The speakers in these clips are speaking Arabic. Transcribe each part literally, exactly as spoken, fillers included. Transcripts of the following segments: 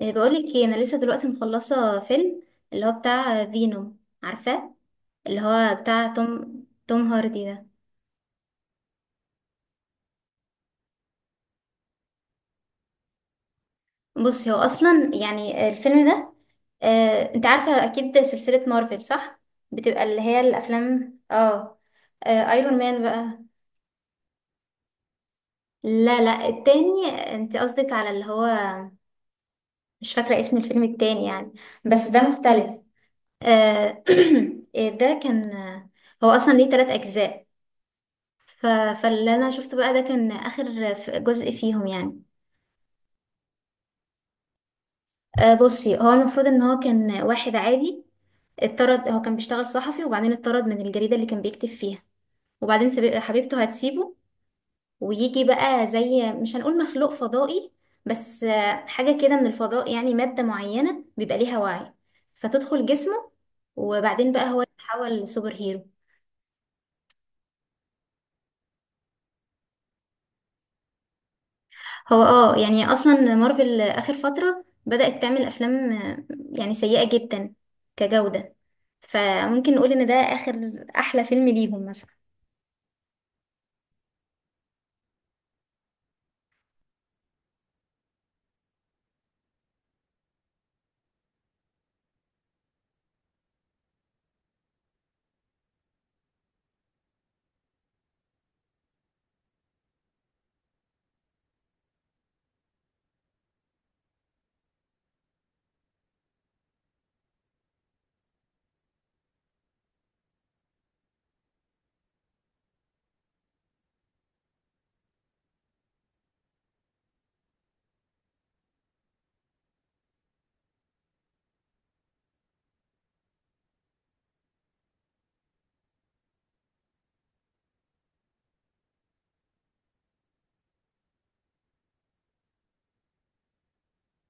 إيه، بقولك ايه انا لسه دلوقتي مخلصه فيلم اللي هو بتاع فينوم عارفاه اللي هو بتاع توم توم هاردي ده. بصي هو اصلا يعني الفيلم ده، آه، انت عارفه اكيد سلسله مارفل صح؟ بتبقى اللي هي الافلام اه، آه، ايرون مان بقى. لا لا التاني. انت قصدك على اللي هو، مش فاكره اسم الفيلم التاني يعني، بس ده مختلف. آه، ده كان، هو اصلا ليه تلات اجزاء. ف... فاللي انا شفته بقى ده كان اخر ف- جزء فيهم يعني. آه بصي هو المفروض ان هو كان واحد عادي، اتطرد. هو كان بيشتغل صحفي وبعدين اتطرد من الجريدة اللي كان بيكتب فيها. وبعدين سب- حبيبته هتسيبه، ويجي بقى زي مش هنقول مخلوق فضائي، بس آه حاجة كده من الفضاء، يعني مادة معينة بيبقى ليها وعي فتدخل جسمه، وبعدين بقى هو يتحول لسوبر هيرو. هو اه يعني اصلا مارفل اخر فترة بدأت تعمل افلام آه، يعني سيئة جدا كجودة، فممكن نقول ان ده اخر احلى فيلم ليهم مثلا.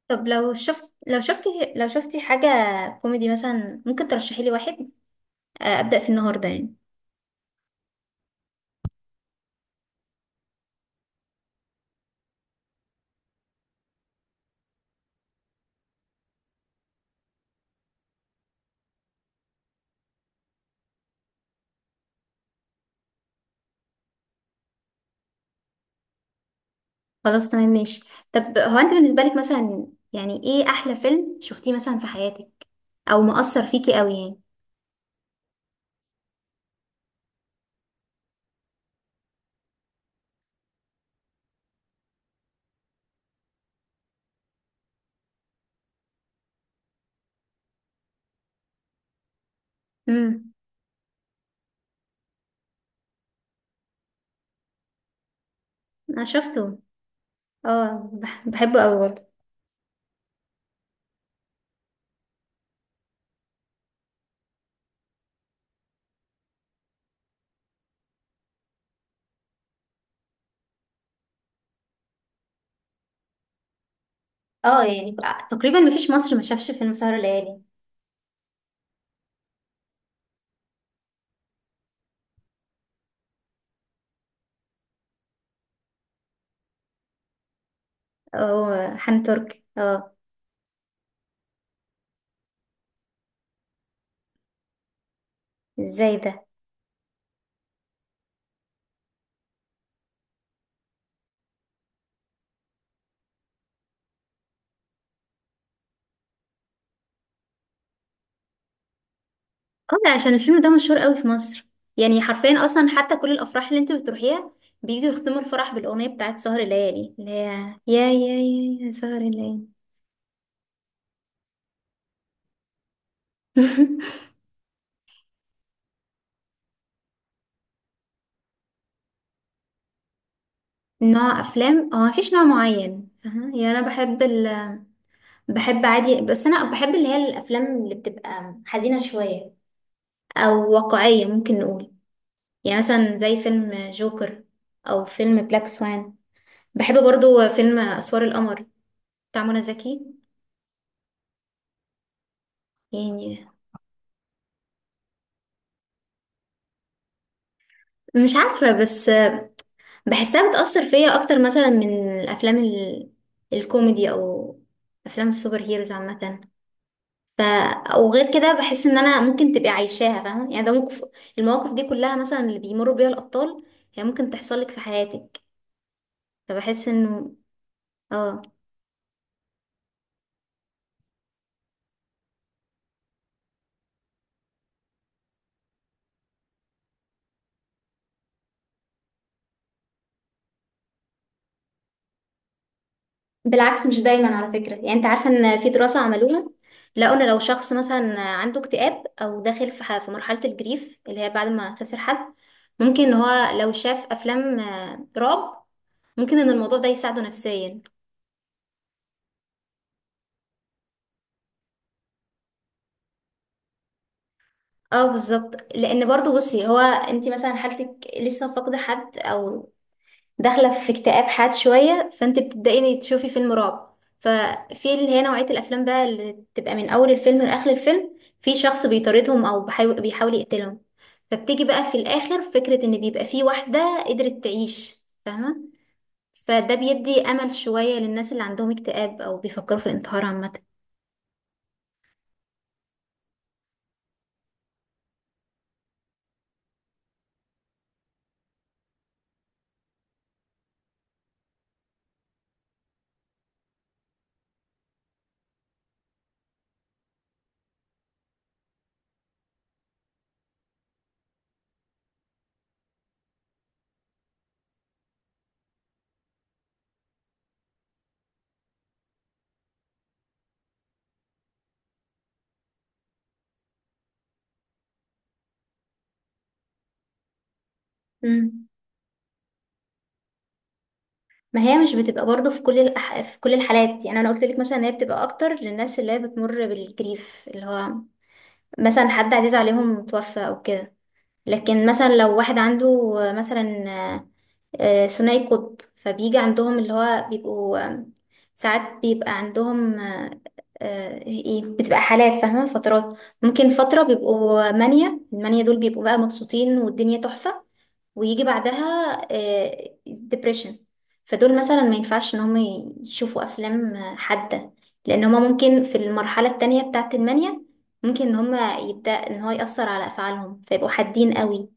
طب لو شفت، لو شفتي لو شفتي حاجة كوميدي مثلا ممكن ترشحي لي واحد، آه، أبدأ في النهاردة يعني. خلاص تمام ماشي. طب هو انت بالنسبة لك مثلا، يعني ايه احلى فيلم شفتيه مثلا في حياتك او مؤثر فيكي قوي يعني؟ امم. انا شفته. اه، بح- بحبه قوي برضه. اه يعني تقريبا مفيش مصر ما شافش فيلم سهر ليالي. او حان ترك اه. ازاي ده؟ اه لا، عشان الفيلم ده مشهور قوي في مصر. يعني حرفيا اصلا حتى كل الافراح اللي انت بتروحيها بييجوا يختموا الفرح بالاغنيه بتاعت سهر ليالي اللي هي، يا يا يا يا سهر ليالي. نوع افلام؟ هو مفيش نوع معين فاهمة؟ يعني انا بحب ال... بحب عادي. بس انا بحب اللي هي الافلام اللي بتبقى حزينه شويه او واقعيه ممكن نقول، يعني مثلا زي فيلم جوكر او فيلم بلاك سوان. بحب برضو فيلم اسوار القمر بتاع منى زكي يعني. مش عارفه بس بحسها بتاثر فيا اكتر مثلا من الافلام ال... الكوميدي او افلام السوبر هيروز عامه. ف... او غير كده بحس ان انا ممكن تبقي عايشاها، فاهمه يعني، ده موقف. المواقف دي كلها مثلا اللي بيمروا بيها الابطال، هي ممكن تحصل لك في حياتك. فبحس انه اه. بالعكس مش دايما على فكرة. يعني انت عارفة ان في دراسة عملوها لقوا ان لو شخص مثلا عنده اكتئاب او داخل في ح- في مرحلة الجريف اللي هي بعد ما خسر حد، ممكن ان هو لو شاف افلام آه، رعب ممكن ان الموضوع ده يساعده نفسيا. اه بالظبط، لان برضو بصي هو انت مثلا حالتك لسه فاقدة حد او داخله في اكتئاب حاد شويه فانت بتبداي تشوفي فيلم رعب، ففي اللي هي نوعيه الافلام بقى اللي تبقى من اول الفيلم لاخر الفيلم في شخص بيطاردهم او بيحاول بيحاول يقتلهم، فبتيجي بقى في الاخر فكره ان بيبقى في واحده قدرت تعيش، فاهمه. فده بيدي امل شويه للناس اللي عندهم اكتئاب او بيفكروا في الانتحار عامه. امم. ما هي مش بتبقى برضه في كل الأح... في كل الحالات. يعني انا قلت لك مثلا ان هي بتبقى اكتر للناس اللي هي بتمر بالجريف اللي هو مثلا حد عزيز عليهم توفى او كده. لكن مثلا لو واحد عنده مثلا، آه، ثنائي قطب فبيجي عندهم اللي هو بيبقوا آم، ساعات بيبقى عندهم آه، آه، ايه بتبقى حالات فاهمة، فترات ممكن فترة بيبقوا مانيا، المانيا دول بيبقوا بقى مبسوطين والدنيا تحفة، ويجي بعدها ديبريشن. فدول مثلا ما ينفعش ان هم يشوفوا افلام آه، حادة، لان هما ممكن في المرحلة التانية بتاعة المانيا ممكن ان هما يبدأ ان هو يأثر على افعالهم فيبقوا حادين قوي.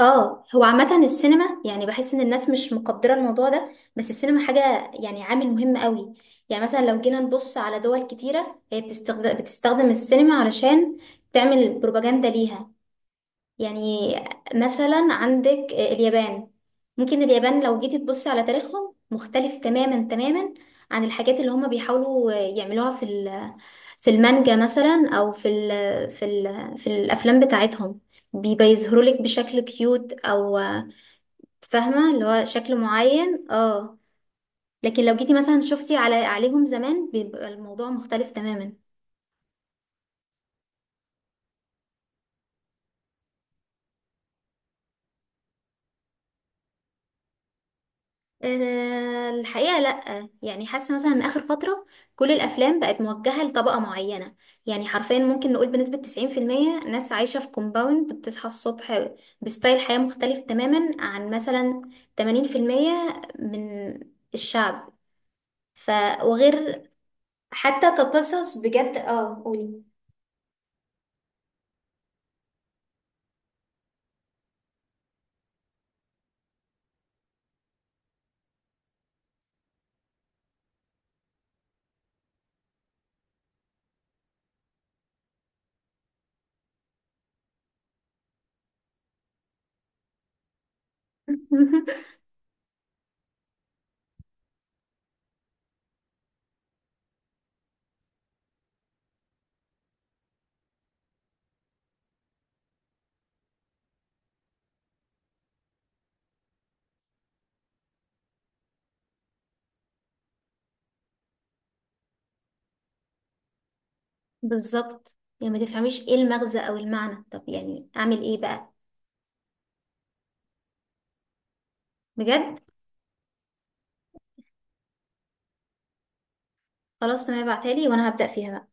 اه هو عامة السينما يعني بحس ان الناس مش مقدرة الموضوع ده، بس السينما حاجة يعني عامل مهم قوي. يعني مثلا لو جينا نبص على دول كتيرة هي بتستخدم, بتستخدم السينما علشان تعمل بروباجندا ليها. يعني مثلا عندك اليابان، ممكن اليابان لو جيتي تبصي على تاريخهم مختلف تماما تماما عن الحاجات اللي هما بيحاولوا يعملوها في ال- في المانجا مثلا او في ال في ال في الافلام بتاعتهم، بيبقى يظهروا لك بشكل كيوت او، فاهمة اللي هو شكل معين اه. لكن لو جيتي مثلا شفتي على عليهم زمان بيبقى الموضوع مختلف تماما. أه الحقيقة لأ، يعني حاسة مثلا إن آخر فترة كل الأفلام بقت موجهة لطبقة معينة. يعني حرفيا ممكن نقول بنسبة تسعين في المية ناس عايشة في كومباوند بتصحى الصبح بستايل حياة مختلف تماما عن مثلا تمانين في المية من الشعب. ف وغير، حتى كقصص بجد اه قولي. بالظبط، يعني ما تفهميش ايه المغزى او المعنى. طب يعني اعمل ايه بقى؟ بجد؟ خلاص تمام ابعتها لي وانا هبدأ فيها بقى.